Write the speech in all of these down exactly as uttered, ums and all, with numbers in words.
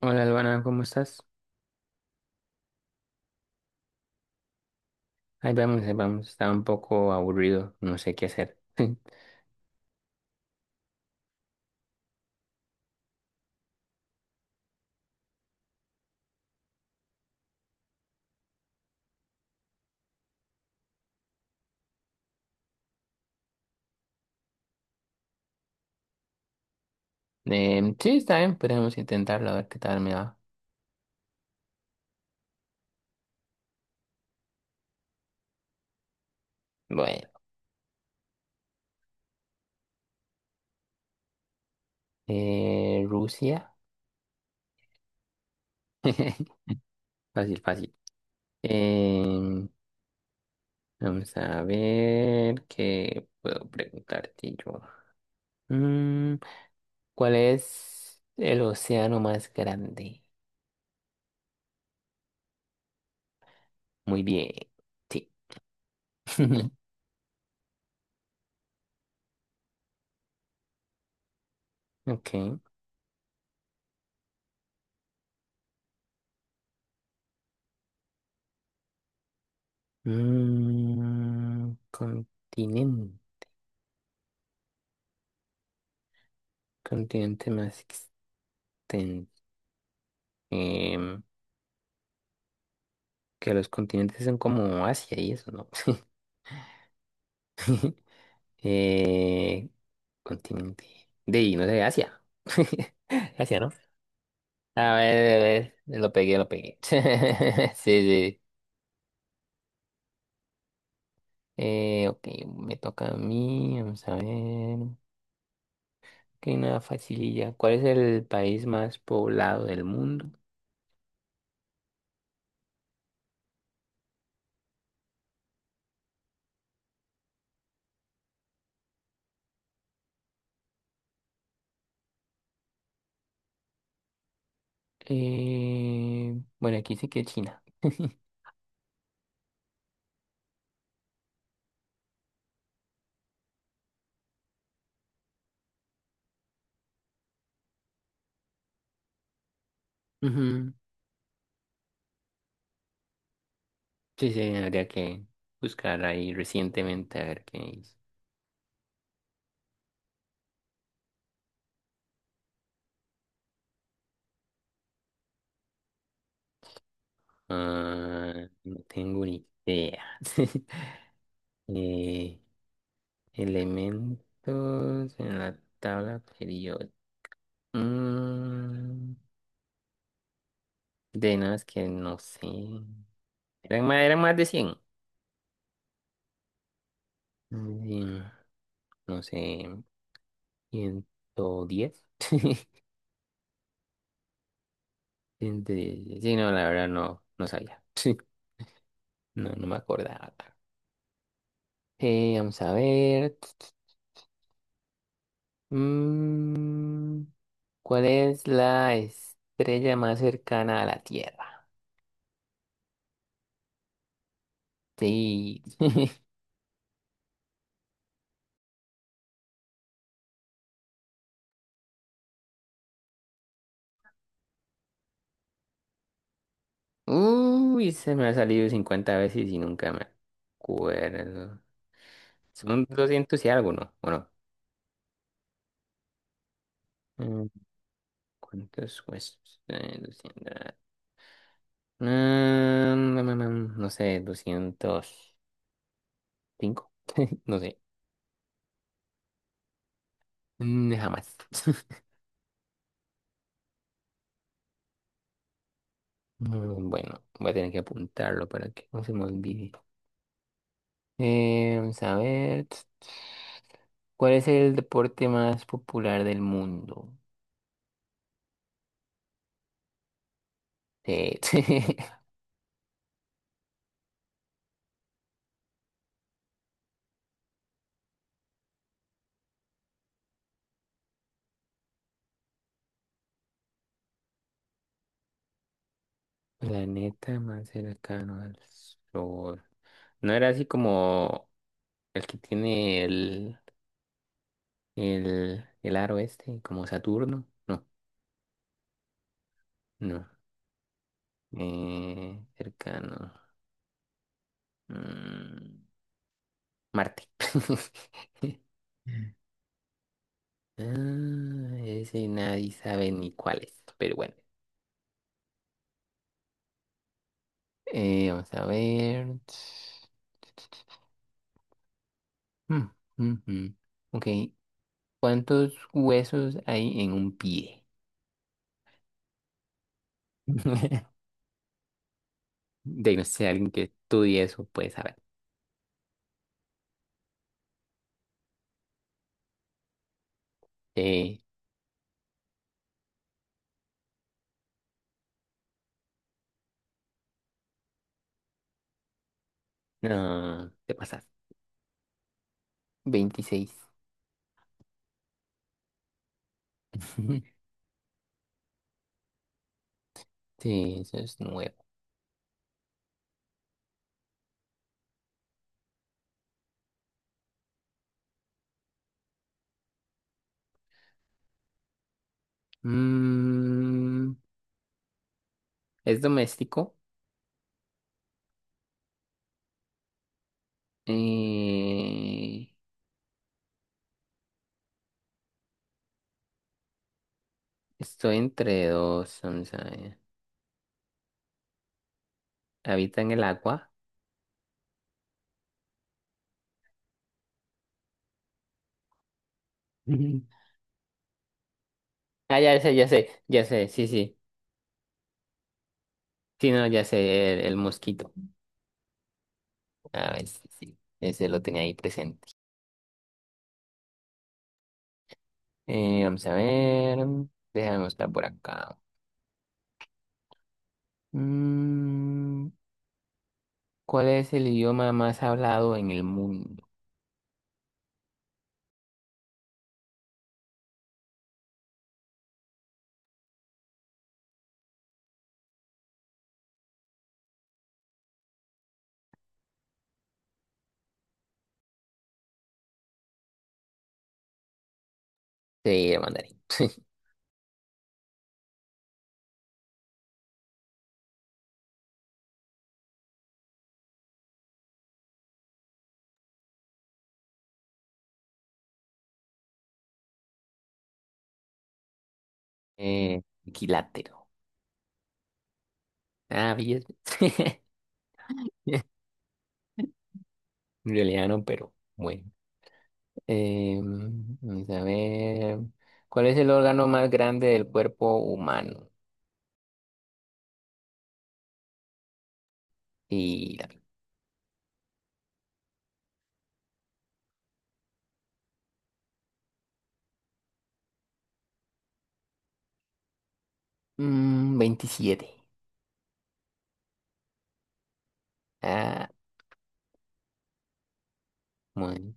Hola, Albana, ¿cómo estás? Ahí vamos, ahí vamos. Está un poco aburrido, no sé qué hacer. Em, sí, está bien, podemos intentarlo, a ver qué tal me va. Bueno, eh, Rusia. Fácil, fácil. Em, vamos a ver qué puedo preguntarte yo. Mm, ¿cuál es el océano más grande? Muy bien, sí. Ok. Mm, continente. Continente más ten- em, que los continentes son como Asia y eso, ¿no? Eh, continente de, y no sé, Asia. Asia, ¿no? A ver, a ver, lo pegué, lo pegué. Sí, sí. Eh, ok, me toca a mí, vamos a ver. Ok, una facililla. ¿Cuál es el país más poblado del mundo? Eh, bueno, aquí dice que China. Ujú. Sí, sí, habría que buscar ahí recientemente a ver qué hizo. Ah, no tengo ni idea. Eh, elementos en la tabla periódica. Mm, de nada, es que no sé. Eran más, eran más de cien. Mm, no sé, ciento diez. Ciento diez. Sí, no, la verdad no, no sabía. No, no me acordaba. Eh, vamos a ver. Mm, ¿cuál es la estrella más cercana a la Tierra? Sí. Uy, se me ha salido cincuenta veces y nunca me acuerdo. Son doscientos y algo, ¿no? ¿O no? Mm, ¿Cuántos huesos? Eh, doscientos. Mm, mm, mm, mm, no sé, doscientos cinco. No sé. Mm, Jamás. Mm, Bueno, voy a tener que apuntarlo para que no se me olvide. Eh, vamos a ver. ¿Cuál es el deporte más popular del mundo? Sí. Planeta más cercano al Sol. ¿No era así como el, que tiene el, el, el aro este, como Saturno? No, no. Eh, cercano. Mm, Marte. Ah, ese nadie sabe ni cuál es, pero bueno. Eh, vamos a ver. Mm, mm, mm. Ok. ¿Cuántos huesos hay en un pie? De no sé, alguien que estudie eso puede saber. Eh, no, te pasas. Veintiséis. Sí, eso es nuevo. Mm, ¿es doméstico? Eh, estoy entre dos. Vamos a ver. ¿Habita en el agua? Ah, ya sé, ya sé, ya sé. Sí, sí. Sí, no, ya sé, el, el mosquito. A ver, sí, sí, ese lo tenía ahí presente. Eh, vamos a ver, déjame mostrar por acá. Mm, ¿cuál es el idioma más hablado en el mundo? Sí, el mandarín. Eh, equilátero. Ah, bien. En realidad no, pero bueno. Eh, vamos a ver, ¿cuál es el órgano más grande del cuerpo humano? Y, mm, veintisiete. Ah, bueno.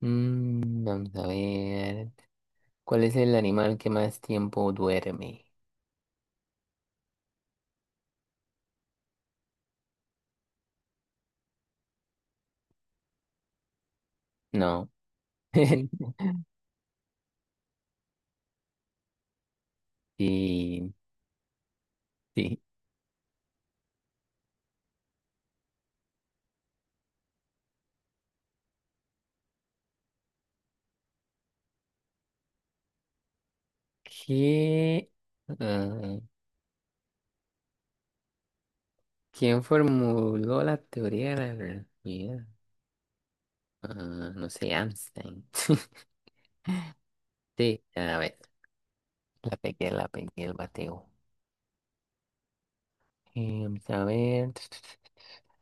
Mm, vamos a ver. ¿Cuál es el animal que más tiempo duerme? No. Sí, sí. ¿Qué? Ah, ¿quién formuló la teoría de la relatividad? Ah, no sé, Einstein. Sí, a ver, la pegué, la pegué, el bateo. Eh, vamos a ver.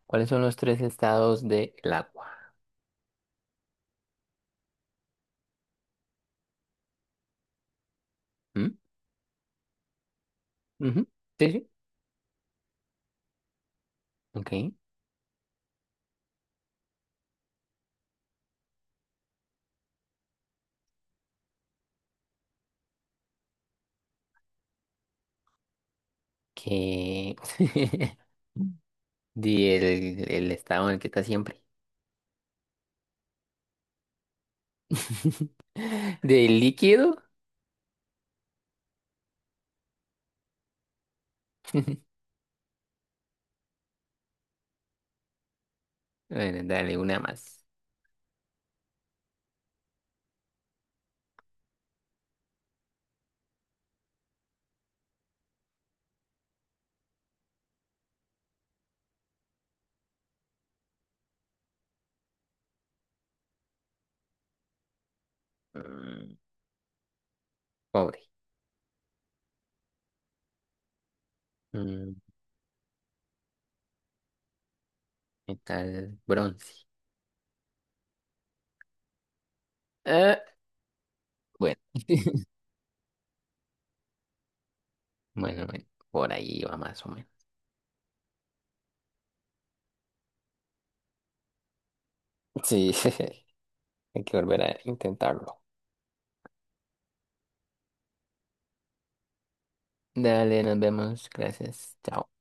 ¿Cuáles son los tres estados del agua? ¿Mm? Ujú, sí, sí. Ok. ¿Qué? Del el estado en el que está siempre. ¿Del líquido? Bueno, dale una más. Mm, Pobre. Mm, Metal bronce. Ah, bueno, bueno, bueno, por ahí va más o menos. Sí, hay que volver a intentarlo. Dale, nos vemos. Gracias. Chao.